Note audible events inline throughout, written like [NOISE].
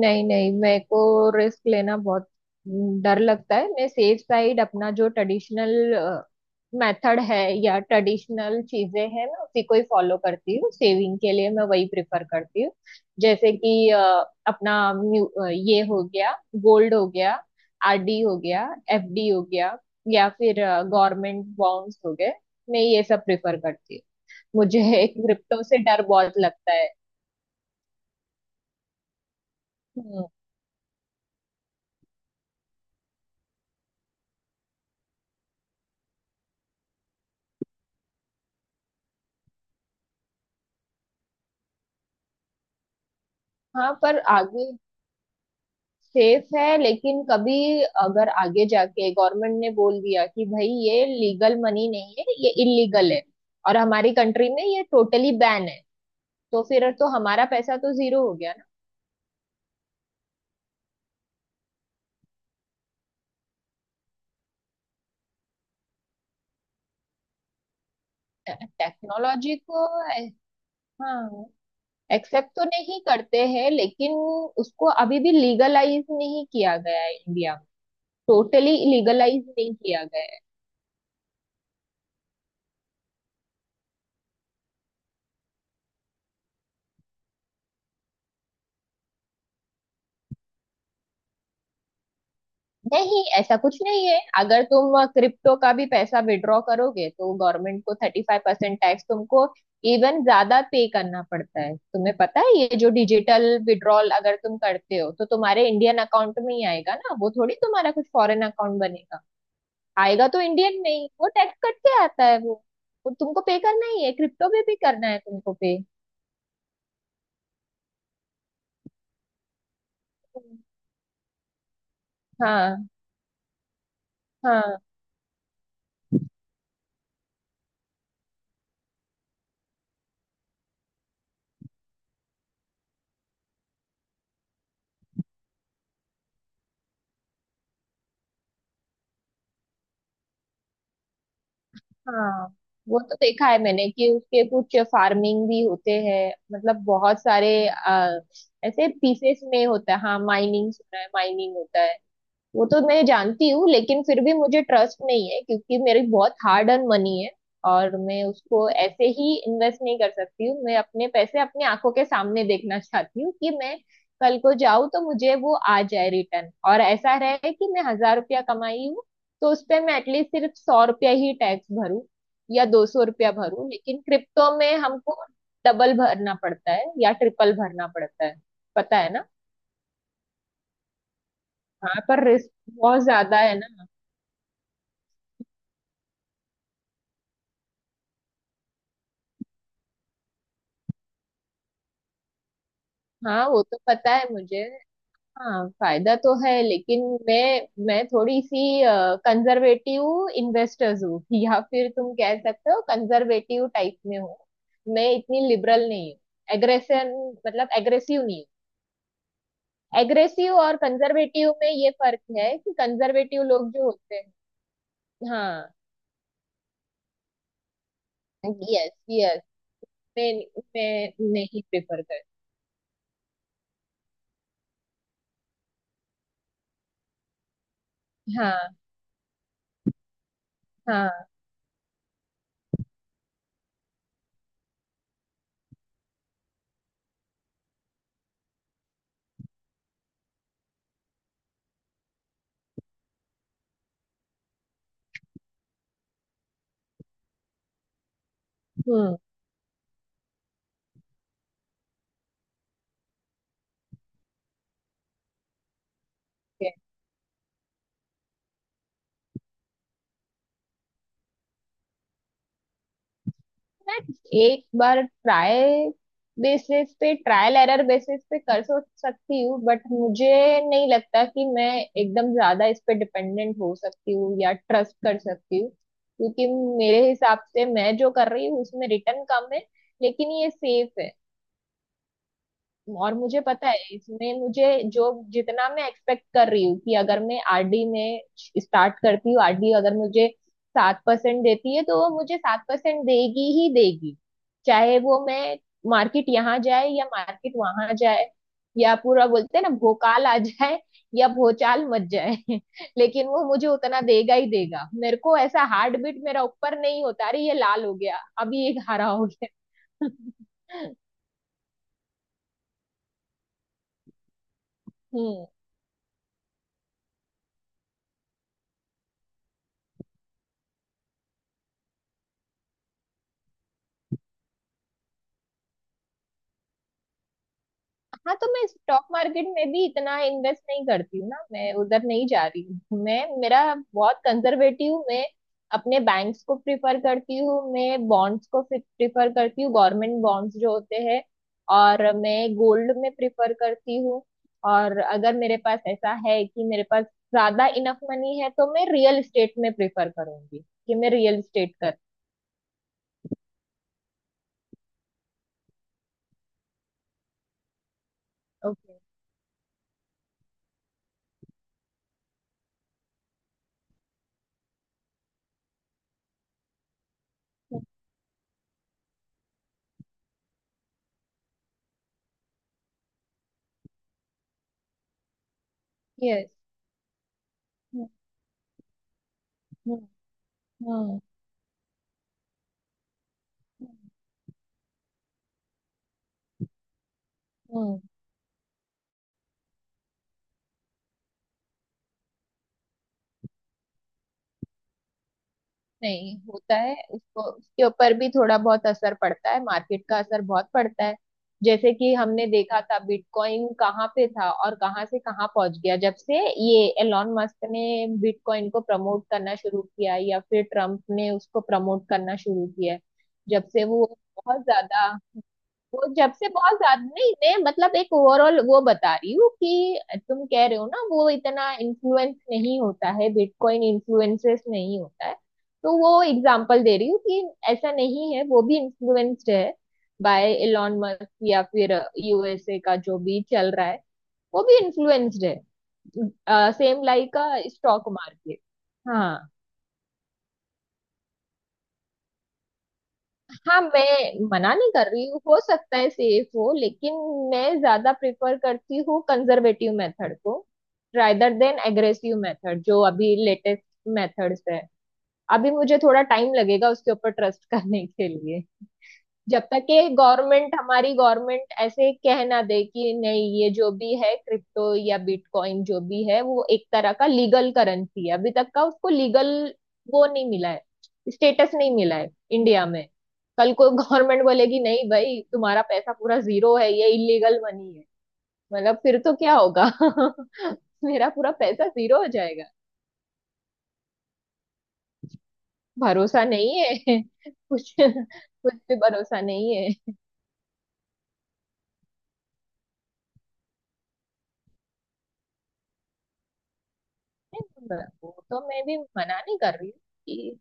नहीं नहीं, मेरे को रिस्क लेना बहुत डर लगता है। मैं सेफ साइड अपना जो ट्रेडिशनल मेथड है या ट्रेडिशनल चीजें हैं मैं उसी को ही फॉलो करती हूँ। सेविंग के लिए मैं वही प्रिफर करती हूँ। जैसे कि अपना ये हो गया, गोल्ड हो गया, आरडी हो गया, एफडी हो गया, या फिर गवर्नमेंट बॉन्ड्स हो गए। मैं ये सब प्रिफर करती हूँ। मुझे [LAUGHS] क्रिप्टो से डर बहुत लगता है। हम्म। हाँ, पर आगे सेफ है, लेकिन कभी अगर आगे जाके गवर्नमेंट ने बोल दिया कि भाई ये लीगल मनी नहीं है, ये इलीगल है और हमारी कंट्री में ये टोटली बैन है, तो फिर तो हमारा पैसा तो जीरो हो गया ना। टेक्नोलॉजी को ए- हाँ, एक्सेप्ट तो नहीं करते हैं लेकिन उसको अभी भी लीगलाइज नहीं किया गया है इंडिया में। टोटली लीगलाइज नहीं किया गया है। नहीं, ऐसा कुछ नहीं है। अगर तुम क्रिप्टो का भी पैसा विड्रॉ करोगे तो गवर्नमेंट को 35% टैक्स तुमको इवन ज्यादा पे करना पड़ता है। तुम्हें पता है, ये जो डिजिटल विड्रॉल अगर तुम करते हो तो तुम्हारे इंडियन अकाउंट में ही आएगा ना, वो थोड़ी तुम्हारा कुछ फॉरेन अकाउंट बनेगा। आएगा तो इंडियन में ही, वो टैक्स कट के आता है वो। वो तुमको पे करना ही है, क्रिप्टो में भी करना है तुमको पे। हाँ, हाँ, हाँ। वो तो देखा है मैंने कि उसके कुछ फार्मिंग भी होते हैं, मतलब बहुत सारे ऐसे पीसेस में होता है। हाँ, माइनिंग सुना है, माइनिंग होता है। वो तो मैं जानती हूँ लेकिन फिर भी मुझे ट्रस्ट नहीं है क्योंकि मेरी बहुत हार्ड अर्न मनी है और मैं उसको ऐसे ही इन्वेस्ट नहीं कर सकती हूँ। मैं अपने पैसे अपनी आंखों के सामने देखना चाहती हूँ कि मैं कल को जाऊँ तो मुझे वो आ जाए रिटर्न, और ऐसा रहे कि मैं 1000 रुपया कमाई हूँ तो उस पे मैं एटलीस्ट सिर्फ 100 रुपया ही टैक्स भरूँ या 200 रुपया भरूँ, लेकिन क्रिप्टो में हमको डबल भरना पड़ता है या ट्रिपल भरना पड़ता है। पता है ना, वहाँ पर रिस्क बहुत ज्यादा है ना। हाँ, वो तो पता है मुझे। हाँ, फायदा तो है लेकिन मैं थोड़ी सी कंजर्वेटिव इन्वेस्टर्स हूँ [LAUGHS] या फिर तुम कह सकते हो कंजर्वेटिव टाइप में हूँ। मैं इतनी लिबरल नहीं हूँ। एग्रेसन, मतलब एग्रेसिव नहीं हूँ। एग्रेसिव और कंजर्वेटिव में ये फर्क है कि कंजर्वेटिव लोग जो होते हैं। हाँ, यस यस। मैं मैं नहीं प्रेफर करती। हाँ, हाँ। हम्म। एक बार ट्राई बेसिस पे, ट्रायल एरर बेसिस पे कर सो सकती हूँ, बट मुझे नहीं लगता कि मैं एकदम ज्यादा इस पे डिपेंडेंट हो सकती हूँ या ट्रस्ट कर सकती हूँ, क्योंकि मेरे हिसाब से मैं जो कर रही हूँ उसमें रिटर्न कम है लेकिन ये सेफ है। और मुझे पता है इसमें मुझे जो जितना मैं एक्सपेक्ट कर रही हूँ, कि अगर मैं आरडी में स्टार्ट करती हूँ, आरडी अगर मुझे 7% देती है तो वो मुझे 7% देगी ही देगी, चाहे वो मैं मार्केट यहाँ जाए या मार्केट वहां जाए, या पूरा बोलते हैं ना भोकाल आ जाए या भोचाल मच जाए [LAUGHS] लेकिन वो मुझे उतना देगा ही देगा, मेरे को ऐसा हार्ट बीट मेरा ऊपर नहीं होता अरे ये लाल हो गया, अभी ये हरा हो गया। [LAUGHS] हम्म। हाँ, तो मैं स्टॉक मार्केट में भी इतना इन्वेस्ट नहीं करती हूँ ना, मैं उधर नहीं जा रही हूँ। मैं, मेरा, बहुत कंजर्वेटिव हूँ मैं। अपने बैंक्स को प्रिफर करती हूँ, मैं बॉन्ड्स को प्रिफर करती हूँ, गवर्नमेंट बॉन्ड्स जो होते हैं, और मैं गोल्ड में प्रिफर करती हूँ। और अगर मेरे पास ऐसा है कि मेरे पास ज्यादा इनफ मनी है, तो मैं रियल एस्टेट में प्रिफर करूंगी, कि मैं रियल एस्टेट कर। ओके। यस। हम्म, हम्म, हम्म, हम्म। नहीं होता है उसको, उसके ऊपर भी थोड़ा बहुत असर पड़ता है, मार्केट का असर बहुत पड़ता है। जैसे कि हमने देखा था बिटकॉइन कहाँ पे था और कहाँ से कहाँ पहुंच गया जब से ये एलॉन मस्क ने बिटकॉइन को प्रमोट करना शुरू किया, या फिर ट्रम्प ने उसको प्रमोट करना शुरू किया है। जब से वो बहुत ज्यादा, वो जब से बहुत ज्यादा, नहीं, मैं मतलब एक ओवरऑल वो बता रही हूँ कि तुम कह रहे हो ना वो इतना इन्फ्लुएंस नहीं होता है, बिटकॉइन इन्फ्लुएंसेस नहीं होता है, तो वो एग्जांपल दे रही हूँ कि ऐसा नहीं है, वो भी इन्फ्लुएंस्ड है बाय एलॉन मस्क, या फिर यूएसए का जो भी चल रहा है वो भी इन्फ्लुएंस्ड है सेम लाइक का स्टॉक मार्केट। हाँ। हाँ, मैं मना नहीं कर रही हूँ, हो सकता है सेफ हो, लेकिन मैं ज्यादा प्रिफर करती हूँ कंजर्वेटिव मेथड को, रादर देन एग्रेसिव मेथड जो अभी लेटेस्ट मेथड्स है। अभी मुझे थोड़ा टाइम लगेगा उसके ऊपर ट्रस्ट [LAUGHS] करने के लिए। जब तक ये गवर्नमेंट, हमारी गवर्नमेंट ऐसे कह ना दे कि नहीं, ये जो भी है क्रिप्टो या बिटकॉइन, जो भी है वो एक तरह का लीगल करेंसी है। अभी तक का उसको लीगल वो नहीं मिला है, स्टेटस नहीं मिला है इंडिया में। कल को गवर्नमेंट बोलेगी नहीं भाई, तुम्हारा पैसा पूरा जीरो है, ये इलीगल मनी है, मतलब फिर तो क्या होगा [LAUGHS] मेरा पूरा पैसा जीरो हो जाएगा। भरोसा नहीं है [LAUGHS] कुछ कुछ भी भरोसा नहीं है। नहीं, वो तो मैं भी मना नहीं कर रही हूँ कि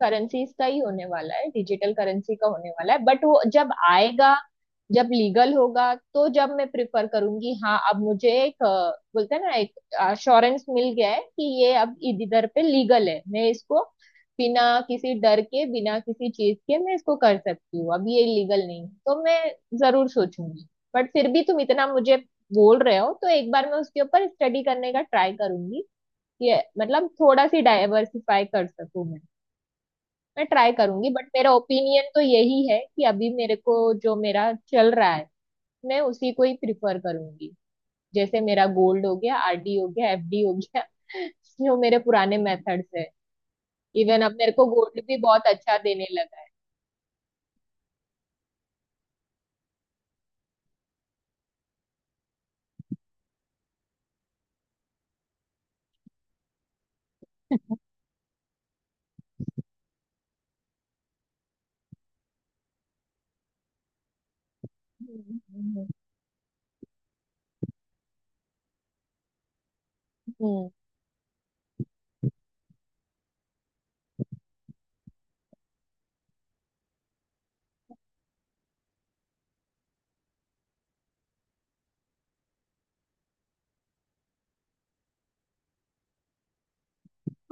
करेंसीज का ही होने वाला है, डिजिटल करेंसी का होने वाला है, बट वो जब आएगा, जब लीगल होगा, तो जब मैं प्रिफर करूंगी। हाँ, अब मुझे एक बोलते हैं ना, एक अश्योरेंस मिल गया है कि ये अब इधर पे लीगल है, मैं इसको बिना किसी डर के, बिना किसी चीज के मैं इसको कर सकती हूँ। अब ये लीगल नहीं है, तो मैं जरूर सोचूंगी। बट फिर भी तुम इतना मुझे बोल रहे हो तो एक बार मैं उसके ऊपर स्टडी करने का ट्राई करूंगी, ये मतलब थोड़ा सी डाइवर्सिफाई कर सकूं मैं। मैं ट्राई करूंगी, बट मेरा ओपिनियन तो यही है कि अभी मेरे को जो मेरा चल रहा है मैं उसी को ही प्रिफर करूंगी। जैसे मेरा गोल्ड हो गया, आरडी हो गया, एफडी हो गया [LAUGHS] जो मेरे पुराने मेथड्स है। इवन अब मेरे को गोल्ड भी बहुत अच्छा देने लगा है। हम्म, हम्म।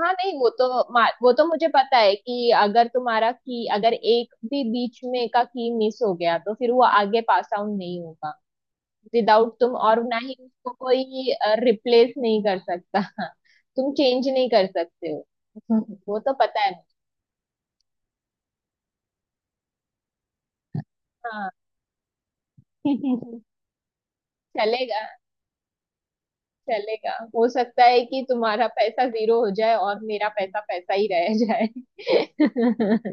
हाँ, नहीं वो तो, वो तो मुझे पता है कि अगर तुम्हारा की अगर एक भी बीच में का की मिस हो गया तो फिर वो आगे पास आउट नहीं होगा विदाउट तुम, और ना ही उसको कोई रिप्लेस नहीं कर सकता, तुम चेंज नहीं कर सकते हो। [LAUGHS] वो तो पता है मुझे। हाँ। [LAUGHS] चलेगा। चलेगा, हो सकता है कि तुम्हारा पैसा जीरो हो जाए और मेरा पैसा पैसा ही रह जाए। [LAUGHS]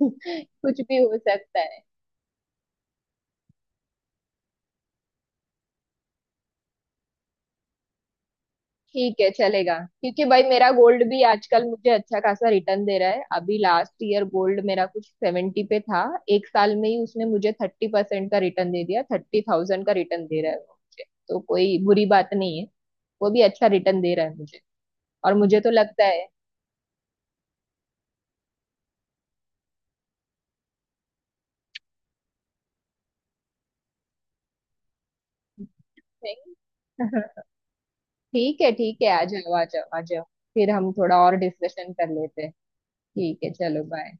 कुछ भी हो सकता है। ठीक है चलेगा, क्योंकि भाई मेरा गोल्ड भी आजकल मुझे अच्छा खासा रिटर्न दे रहा है, अभी लास्ट ईयर गोल्ड मेरा कुछ 70 पे था। एक साल में ही उसने मुझे 30% का रिटर्न दे दिया, 30,000 का रिटर्न दे रहा है वो मुझे। तो कोई बुरी बात नहीं है, वो भी अच्छा रिटर्न दे रहा है मुझे। और मुझे तो लगता है, नहीं? [LAUGHS] ठीक है, ठीक है, आ जाओ, आ जाओ, आ जाओ, फिर हम थोड़ा और डिस्कशन कर लेते हैं। ठीक है, चलो बाय।